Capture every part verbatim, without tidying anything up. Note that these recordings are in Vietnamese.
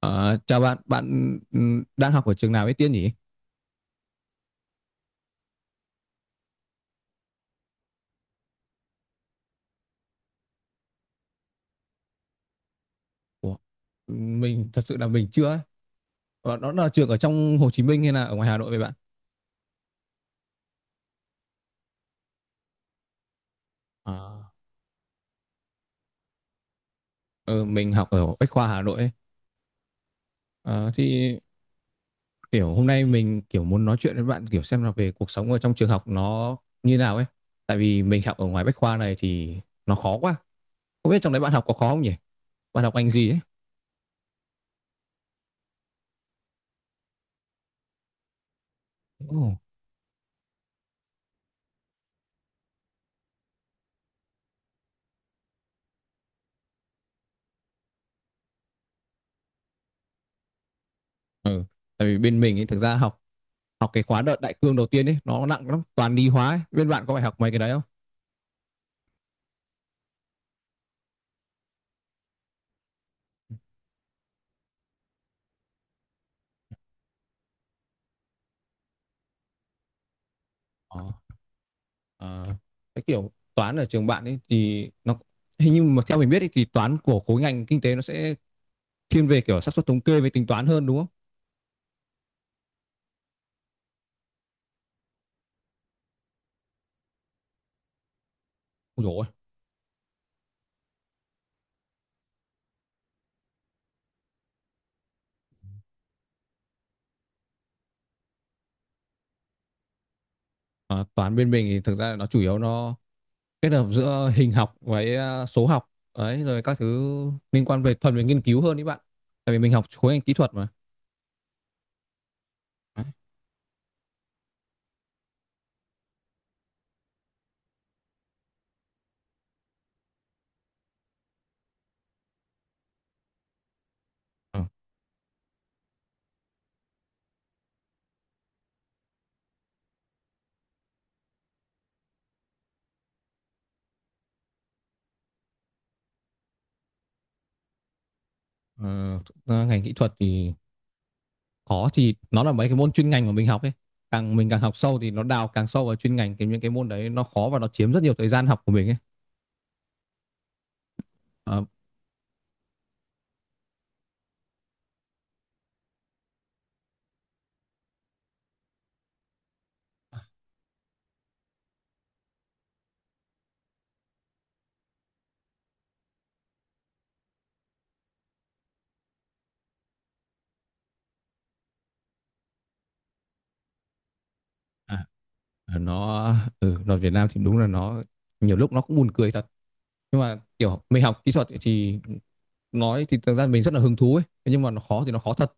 Ờ, Chào bạn, bạn ừm, đang học ở trường nào ấy Tiên nhỉ? Ủa, mình thật sự là mình chưa ấy. Ờ, Đó là trường ở trong Hồ Chí Minh hay là ở ngoài Hà Nội vậy bạn? Ờ, ờ, mình học ở Bách Khoa Hà Nội ấy. Ờ, thì kiểu hôm nay mình kiểu muốn nói chuyện với bạn kiểu xem là về cuộc sống ở trong trường học nó như nào ấy. Tại vì mình học ở ngoài Bách Khoa này thì nó khó quá. Không biết trong đấy bạn học có khó không nhỉ? Bạn học ngành gì ấy? Ồ. Ừ. Tại vì bên mình ấy, thực ra học học cái khóa đợt đại cương đầu tiên ấy nó nặng lắm, toàn lý hóa ấy. Bên bạn có phải học mấy cái đấy không? Ờ, ờ. Cái kiểu toán ở trường bạn ấy thì nó hình như mà theo mình biết ấy, thì toán của khối ngành kinh tế nó sẽ thiên về kiểu xác suất thống kê với tính toán hơn đúng không? Ôi dồi ôi. Ờ, toán bên mình thì thực ra là nó chủ yếu nó kết hợp giữa hình học với ờ, số học, đấy rồi các thứ liên quan về thuần về nghiên cứu hơn đấy bạn. Tại vì mình học khối ngành kỹ thuật mà. Đấy. Ờ, ờ, thực ra ngành kỹ thuật thì khó thì nó là mấy cái môn chuyên ngành mà mình học ấy. Càng mình càng học sâu thì nó đào càng sâu vào chuyên ngành thì những cái môn đấy nó khó và nó chiếm rất nhiều thời gian học của mình ấy. Ờ, à, nó ừ, đoàn Việt Nam thì đúng là nó nhiều lúc nó cũng buồn cười thật, nhưng mà kiểu mình học kỹ thuật thì nói thì thực ra mình rất là hứng thú ấy. Thế nhưng mà nó khó thì nó khó thật.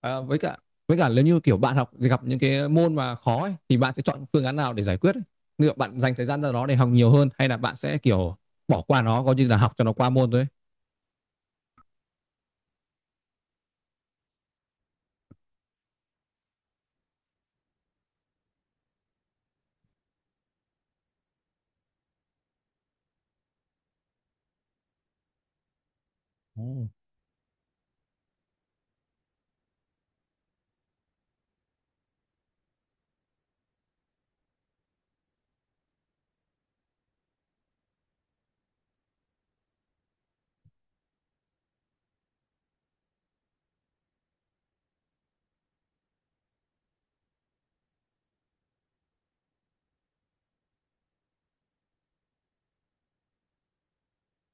à, với cả, với cả nếu như kiểu bạn học gặp những cái môn mà khó ấy, thì bạn sẽ chọn phương án nào để giải quyết ấy? Liệu bạn dành thời gian ra đó để học nhiều hơn hay là bạn sẽ kiểu bỏ qua nó coi như là học cho nó qua môn thôi ấy? Ồ.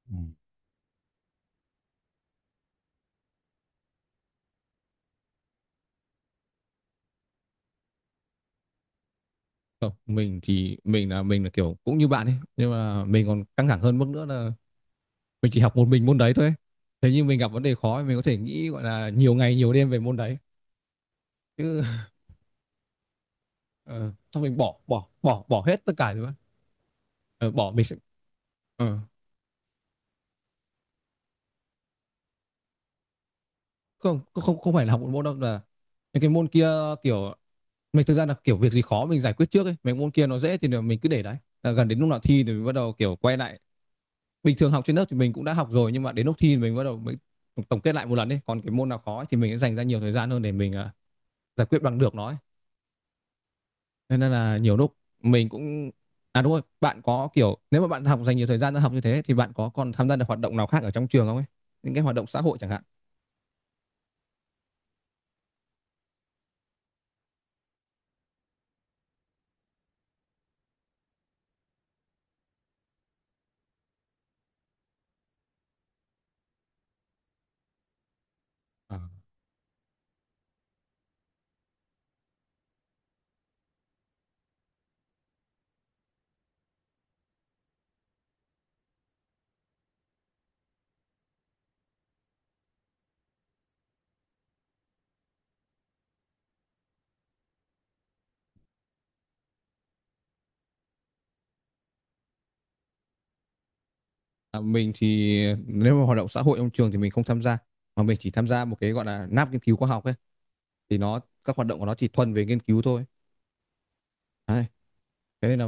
Ừ. Không, mình thì mình là mình là kiểu cũng như bạn ấy, nhưng mà mình còn căng thẳng hơn mức nữa là mình chỉ học một mình môn đấy thôi. Thế nhưng mình gặp vấn đề khó thì mình có thể nghĩ gọi là nhiều ngày nhiều đêm về môn đấy chứ ờ, xong mình bỏ bỏ bỏ bỏ hết tất cả rồi. Ờ, bỏ mình sẽ ờ, không không không phải là học một môn đâu, là những cái môn kia kiểu mình thực ra là kiểu việc gì khó mình giải quyết trước ấy, mấy môn kia nó dễ thì mình cứ để đấy. Là gần đến lúc nào thi thì mình bắt đầu kiểu quay lại, bình thường học trên lớp thì mình cũng đã học rồi, nhưng mà đến lúc thi thì mình bắt đầu mới tổng kết lại một lần ấy, còn cái môn nào khó ấy thì mình sẽ dành ra nhiều thời gian hơn để mình à, giải quyết bằng được nó ấy. Thế nên là nhiều lúc mình cũng à đúng rồi, bạn có kiểu nếu mà bạn học dành nhiều thời gian ra học như thế thì bạn có còn tham gia được hoạt động nào khác ở trong trường không ấy? Những cái hoạt động xã hội chẳng hạn. À, à, mình thì nếu mà hoạt động xã hội trong trường thì mình không tham gia, mà mình chỉ tham gia một cái gọi là lab nghiên cứu khoa học ấy, thì nó các hoạt động của nó chỉ thuần về nghiên cứu thôi. Đấy. Thế nên là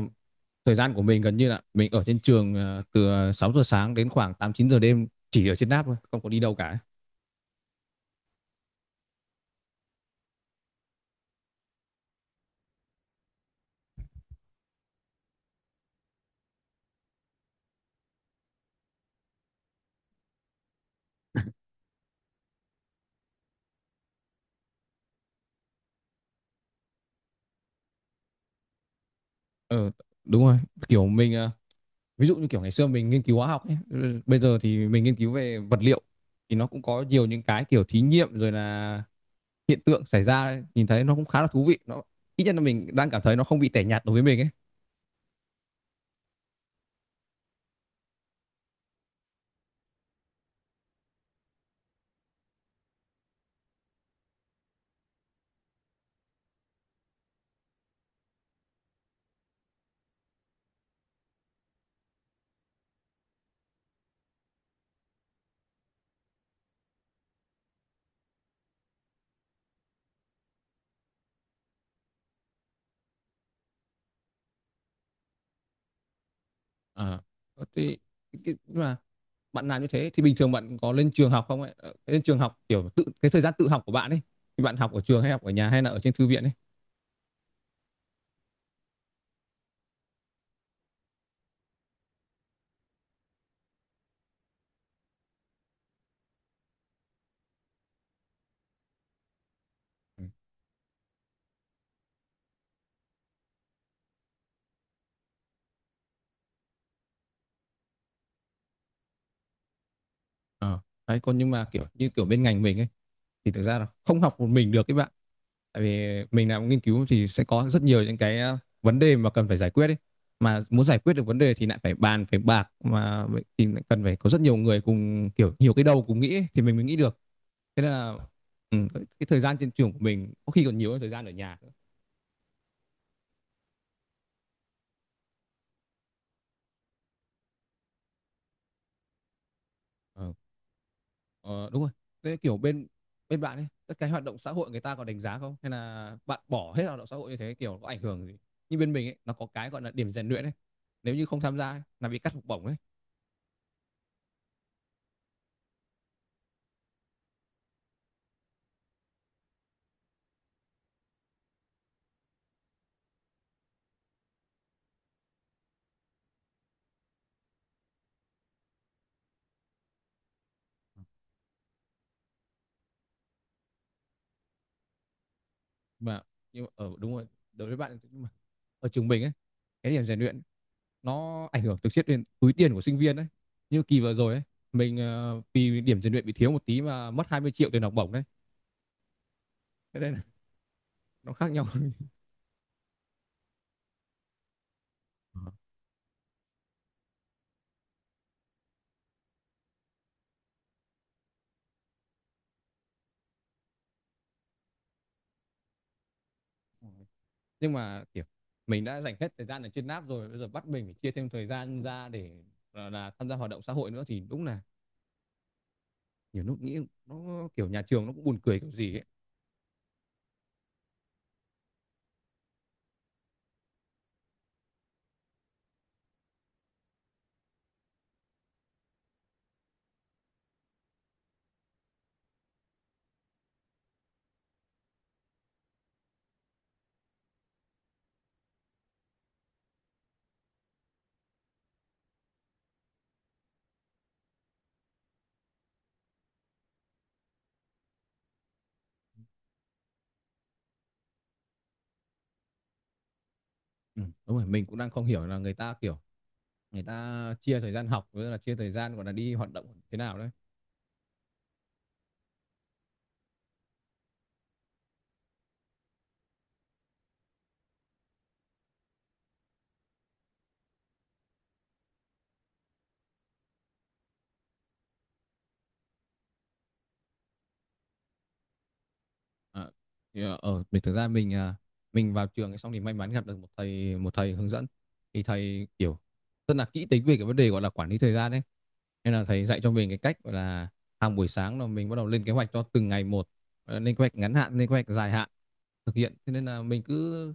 thời gian của mình gần như là mình ở trên trường ờ, từ sáu giờ sáng đến khoảng tám chín giờ đêm chỉ ở trên lab thôi, không có đi đâu cả. Ờ đúng rồi, kiểu mình ờ, ví dụ như kiểu ngày xưa mình nghiên cứu hóa học ấy, bây giờ thì mình nghiên cứu về vật liệu thì nó cũng có nhiều những cái kiểu thí nghiệm rồi là hiện tượng xảy ra ấy, nhìn thấy nó cũng khá là thú vị, nó ít nhất là mình đang cảm thấy nó không bị tẻ nhạt đối với mình ấy. À, thì cái- mà bạn làm như thế thì bình thường bạn có lên trường học không ấy? Ờ, lên trường học kiểu tự cái thời gian tự học của bạn ấy thì bạn học ở trường hay học ở nhà hay là ở trên thư viện ấy? Ờ. Đấy, còn nhưng mà kiểu như kiểu bên ngành mình ấy thì thực ra là không học một mình được các bạn. Tại vì mình làm nghiên cứu thì sẽ có rất nhiều những cái ờ, vấn đề mà cần phải giải quyết ấy. Mà muốn giải quyết được vấn đề thì lại phải bàn phải bạc mà, vậy thì lại cần phải có rất nhiều người cùng kiểu nhiều cái đầu cùng nghĩ ấy, thì mình mới nghĩ được. Thế nên là ừ, cái thời gian trên trường của mình có khi còn nhiều hơn thời gian ở nhà nữa. Ờ. Ờ, đúng rồi. Thế kiểu bên bên bạn ấy, các cái hoạt động xã hội người ta có đánh giá không? Hay là bạn bỏ hết hoạt động xã hội như thế kiểu có ảnh hưởng gì? Như bên mình ấy, nó có cái gọi là điểm rèn luyện ấy. Nếu như không tham gia ấy, là bị cắt học bổng ấy. Mà nhưng mà, ở đúng rồi, đối với bạn, nhưng mà ở trường mình ấy, cái điểm rèn luyện nó ảnh hưởng trực tiếp đến túi tiền của sinh viên đấy. Như kỳ vừa rồi ấy, mình ờ, vì điểm rèn luyện bị thiếu một tí mà mất hai mươi triệu tiền học bổng đấy. Thế nên là nó khác nhau. Ờ. Nhưng mà, kiểu, mình đã dành hết thời gian ở trên app rồi, bây giờ bắt mình phải chia thêm thời gian ra để, gọi là, tham gia hoạt động xã hội nữa thì đúng là nhiều lúc nghĩ nó, kiểu, nhà trường nó cũng buồn cười kiểu gì ấy. Ừm, đúng rồi, mình cũng đang không hiểu là người ta, kiểu, người ta chia thời gian học với là chia thời gian, gọi là, đi hoạt động thế nào đấy. À, thì, ờ, ở mình thực ra mình à, mình vào trường ấy xong thì may mắn gặp được một thầy một thầy hướng dẫn, thì thầy kiểu rất là kỹ tính về cái vấn đề gọi là quản lý thời gian đấy, nên là thầy dạy cho mình cái cách gọi là hàng buổi sáng là mình bắt đầu lên kế hoạch cho từng ngày một. Ờ, lên kế hoạch ngắn hạn, lên kế hoạch dài hạn thực hiện, thế nên là mình cứ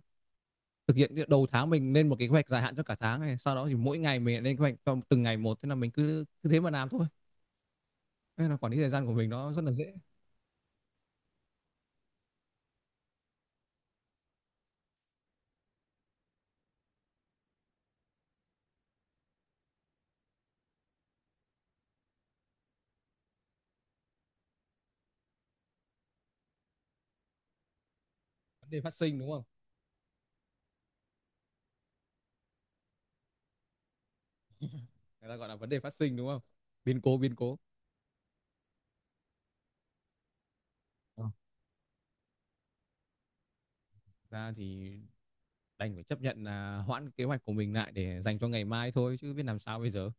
thực hiện đầu tháng mình lên một cái kế hoạch dài hạn cho cả tháng này, sau đó thì mỗi ngày mình lại lên kế hoạch cho từng ngày một, thế là mình cứ cứ thế mà làm thôi, nên là quản lý thời gian của mình nó rất là dễ. Vấn đề phát sinh đúng không, người ta gọi là vấn đề phát sinh đúng không, biến cố biến cố. Ờ, ra thì đành phải chấp nhận là hoãn cái kế hoạch của mình lại để dành cho ngày mai thôi chứ biết làm sao bây giờ.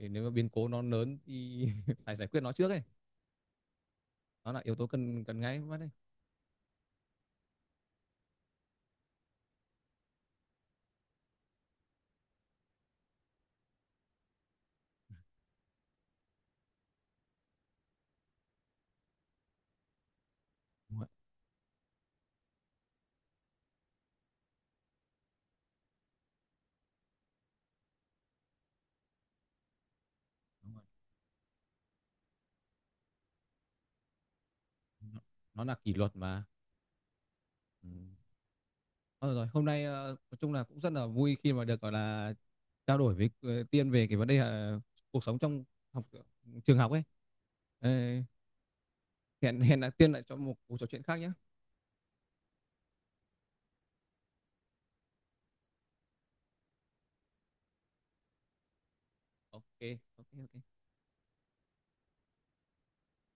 Thì nếu mà biến cố nó lớn thì phải giải quyết nó trước ấy, nó là yếu tố cần cần ngay mất đấy. Đúng rồi, đúng rồi. Nó- nó là kỷ luật mà. Ừ. Thôi được rồi, hôm nay ờ, nói chung là cũng rất là vui khi mà được gọi là trao đổi với ờ, Tiên về cái vấn đề ờ, cuộc sống trong học trường học ấy. Ờ, hẹn hẹn là Tiên lại cho một cuộc trò chuyện khác nhé. OK, OK, OK.